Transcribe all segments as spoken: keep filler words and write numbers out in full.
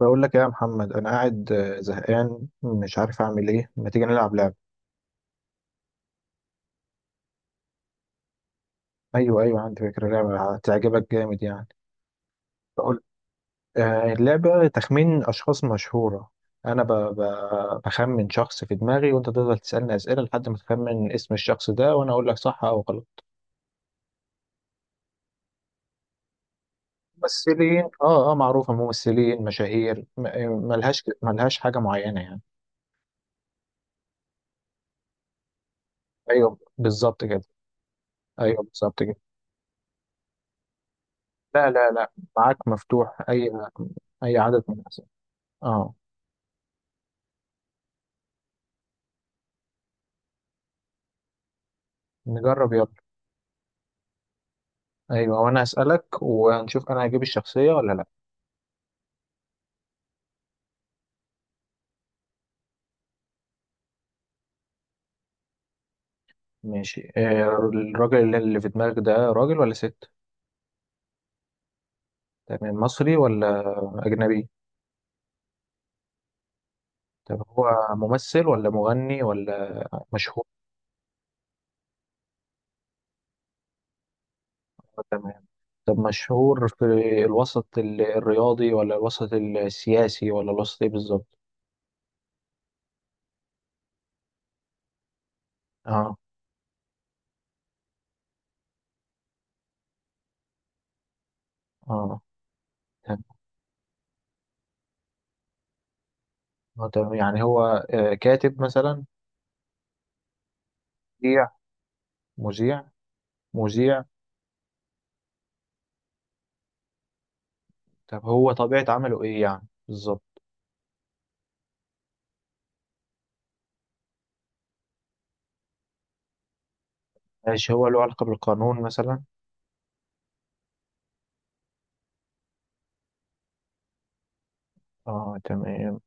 بقول لك إيه يا محمد، انا قاعد آه، زهقان مش عارف اعمل ايه. ما تيجي نلعب لعبه؟ ايوه ايوه، عندي فكره لعبه هتعجبك جامد يعني. بقول. آه، اللعبه تخمين اشخاص مشهوره. انا ب... ب... بخمن شخص في دماغي، وانت تفضل تسالني اسئله لحد ما تخمن اسم الشخص ده، وانا اقول لك صح او غلط. ممثلين، اه اه، معروفه، ممثلين مشاهير م- آه، ملهاش ملهاش حاجه معينه يعني. ايوه بالظبط كده. ايوه بالظبط كده. لا لا لا. معاك مفتوح، اي اي عدد من الاسئله. اه، نجرب يلا. ايوه، وانا هسألك وهنشوف انا هجيب الشخصية ولا لا. ماشي. آه، الراجل اللي اللي في دماغك ده، راجل ولا ست؟ تمام. مصري ولا اجنبي؟ طب هو ممثل ولا مغني ولا مشهور؟ تمام. طب مشهور في الوسط ال- الرياضي، ولا الوسط السياسي، ولا الوسط ايه بالظبط؟ اه اه، تمام. آه، تمام. يعني هو آه، كاتب مثلا؟ مذيع؟ مذيع. مذيع. طب هو طبيعة عمله ايه يعني بالظبط؟ ماشي، هو له علاقة بالقانون مثلا؟ اه تمام.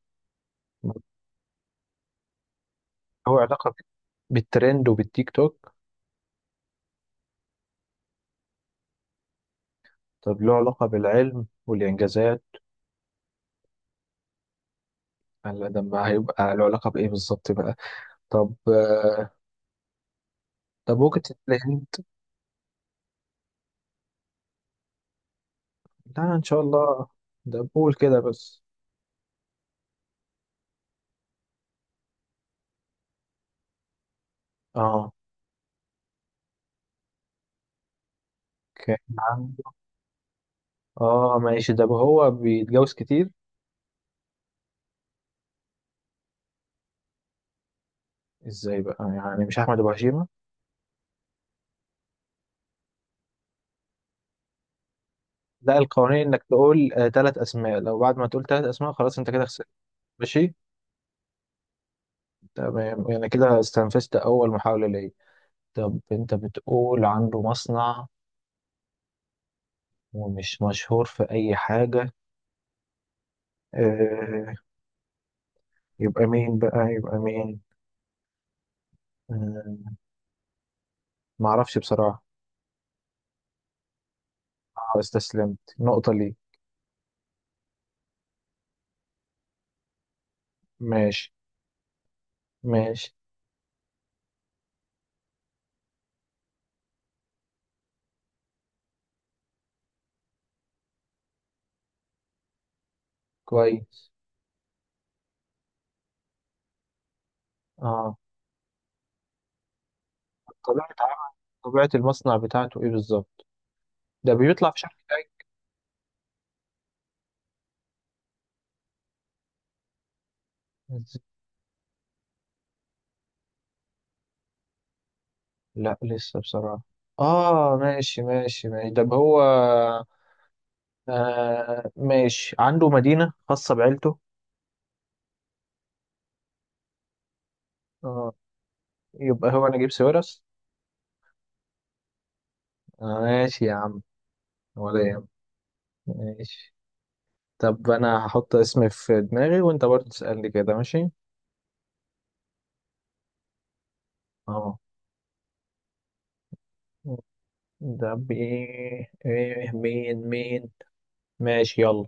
هو علاقة بالترند وبالتيك توك؟ طب له علاقة بالعلم والإنجازات؟ هلا، ده ما هيبقى له علاقة بإيه بالظبط بقى؟ طب آه، طب ممكن تتلهمت؟ لا، إن شاء الله. ده بقول كده بس. اه كان عنده. اه ماشي، ده هو بيتجوز كتير؟ ازاي بقى، يعني مش أحمد أبو هشيمة؟ لا، القوانين إنك تقول آه ثلاث أسماء، لو بعد ما تقول ثلاث أسماء خلاص أنت كده خسرت. ماشي. تمام، يعني كده استنفذت أول محاولة ليا. طب انت بتقول عنده مصنع ومش مشهور في اي حاجة، اه. يبقى مين بقى، يبقى مين؟ اه، معرفش بصراحة. اه، استسلمت، نقطة ليه. ماشي ماشي. كويس. اه، طبيعة عمل طبيعة المصنع بتاعته ايه بالظبط؟ ده بيطلع في شركة ايه؟ لا لسه بصراحة. اه ماشي ماشي ماشي. طب هو، آه ماشي، عنده مدينة خاصة بعيلته؟ اه، يبقى هو نجيب ساويرس. آه ماشي يا عم، ولا يهمك. ماشي. طب انا هحط اسم في دماغي وانت برضه تسألني كده، ماشي؟ اه. ده بايه، ايه، مين مين؟ ماشي يلا.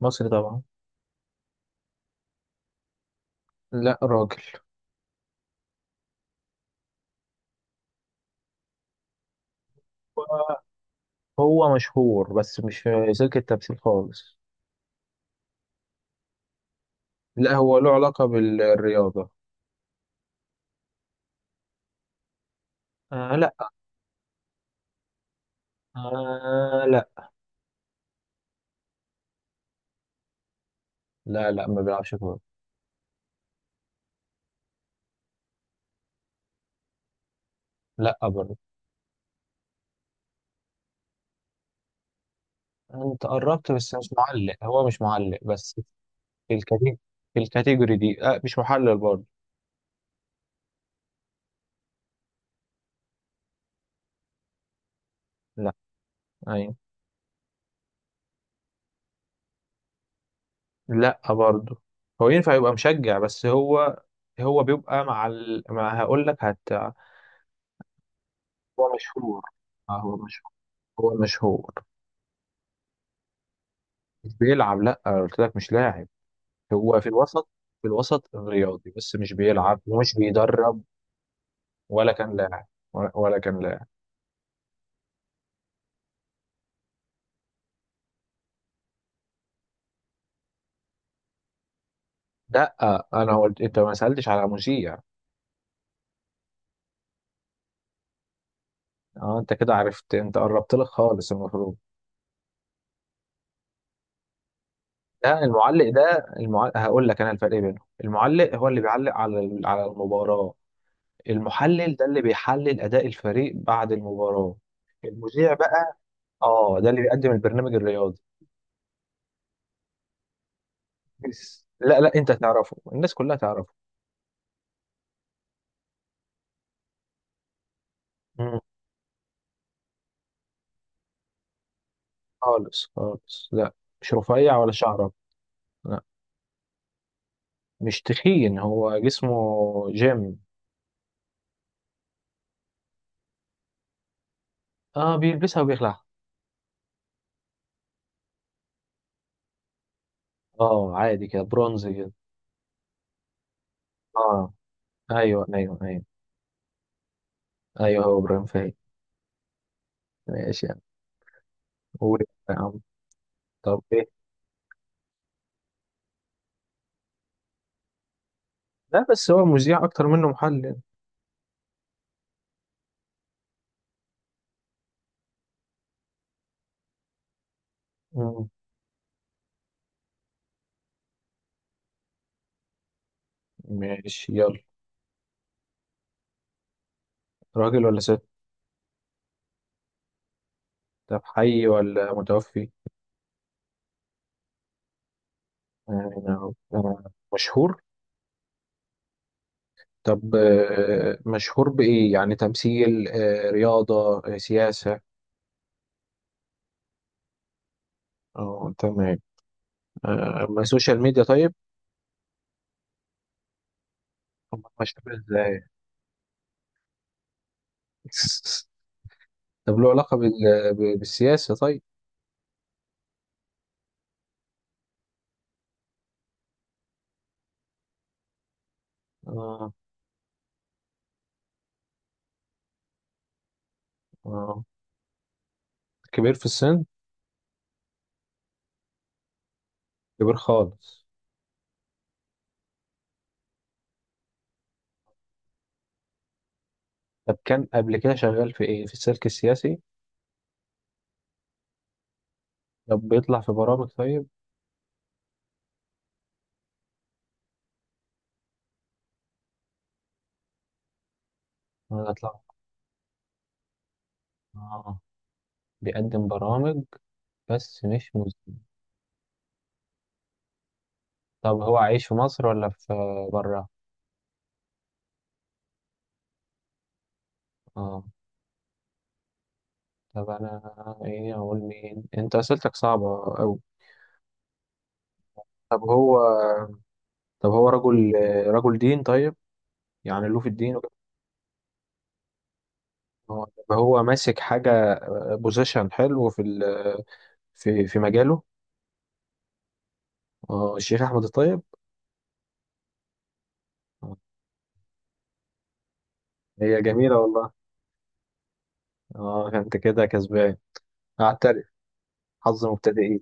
مصري طبعا. لا، راجل. هو هو مشهور بس مش في سلك التمثيل خالص. لا، هو له علاقة بالرياضة. آه لا. آه لا. لا لا، ما بيلعبش كورة. لا برضه. انت قربت بس مش معلق، هو مش معلق بس. في الكاتيجوري في الكاتيجوري دي آه مش محلل برضه. لا. ايوه. لا برضه. هو ينفع يبقى مشجع بس هو هو بيبقى مع ال... ما هقول لك. هت. هو مشهور. آه، هو مشهور. هو مشهور. مش بيلعب، لا أنا قلت لك مش لاعب. هو في الوسط في الوسط الرياضي، بس مش بيلعب ومش بيدرب. ولا كان لاعب. ولا ولا كان لاعب. لا، انا قلت، انت ما سألتش على مذيع. اه، انت كده عرفت، انت قربت لك خالص المفروض. لا، المعلق ده، المعلق هقول لك انا الفرق بينهم. المعلق هو اللي بيعلق على ال- على المباراة. المحلل ده اللي بيحلل أداء الفريق بعد المباراة. المذيع بقى، اه، ده اللي بيقدم البرنامج الرياضي. بس لا لا، انت تعرفه، الناس كلها تعرفه. مم. خالص خالص، لا. مش رفيع ولا شعرة. لا، مش تخين، هو جسمه جيم. اه، بيلبسها وبيخلعها. اه، عادي كده، برونز كده. اه، ايوه ايوه ايوه. ايوه، هو ابراهيم فايق. ماشي يعني. قول يا عم. طب ايه؟ لا، بس هو مذيع اكتر منه محلل. مم. ماشي يلا. راجل ولا ست؟ طب حي ولا متوفي؟ آه، آه، مشهور. طب آه، مشهور بإيه يعني، تمثيل، آه، رياضة، آه، سياسة؟ اه تمام. آه، ما سوشيال ميديا طيب. أمال مشهور ازاي؟ طب له علاقة بال- ب- بالسياسة طيب؟ آه، آه. كبير في السن. كبير خالص. طب كان قبل كده شغال في ايه، في السلك السياسي؟ طب بيطلع في برامج طيب. اطلع. اه، بيقدم برامج بس مش مذيع. طب هو عايش في مصر ولا في برا؟ اه. طب انا ايه، اقول مين، انت اسئلتك صعبة اوي. طب هو طب هو رجل. رجل دين طيب؟ يعني له في الدين وكده؟ هو طب هو ماسك حاجة، بوزيشن حلو في ال... في في مجاله. اه، الشيخ احمد الطيب. آه، هي جميلة والله. اه، انت كده كسبان. اعترف. حظ مبتدئين.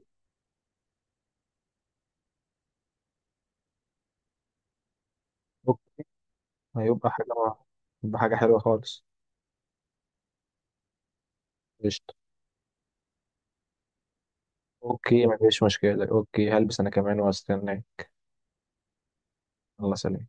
أوكي، هيبقى حاجة. يبقى حاجة حلوة خالص. قشطة. اوكي مفيش مشكلة، اوكي هلبس انا كمان واستناك. الله، سلام.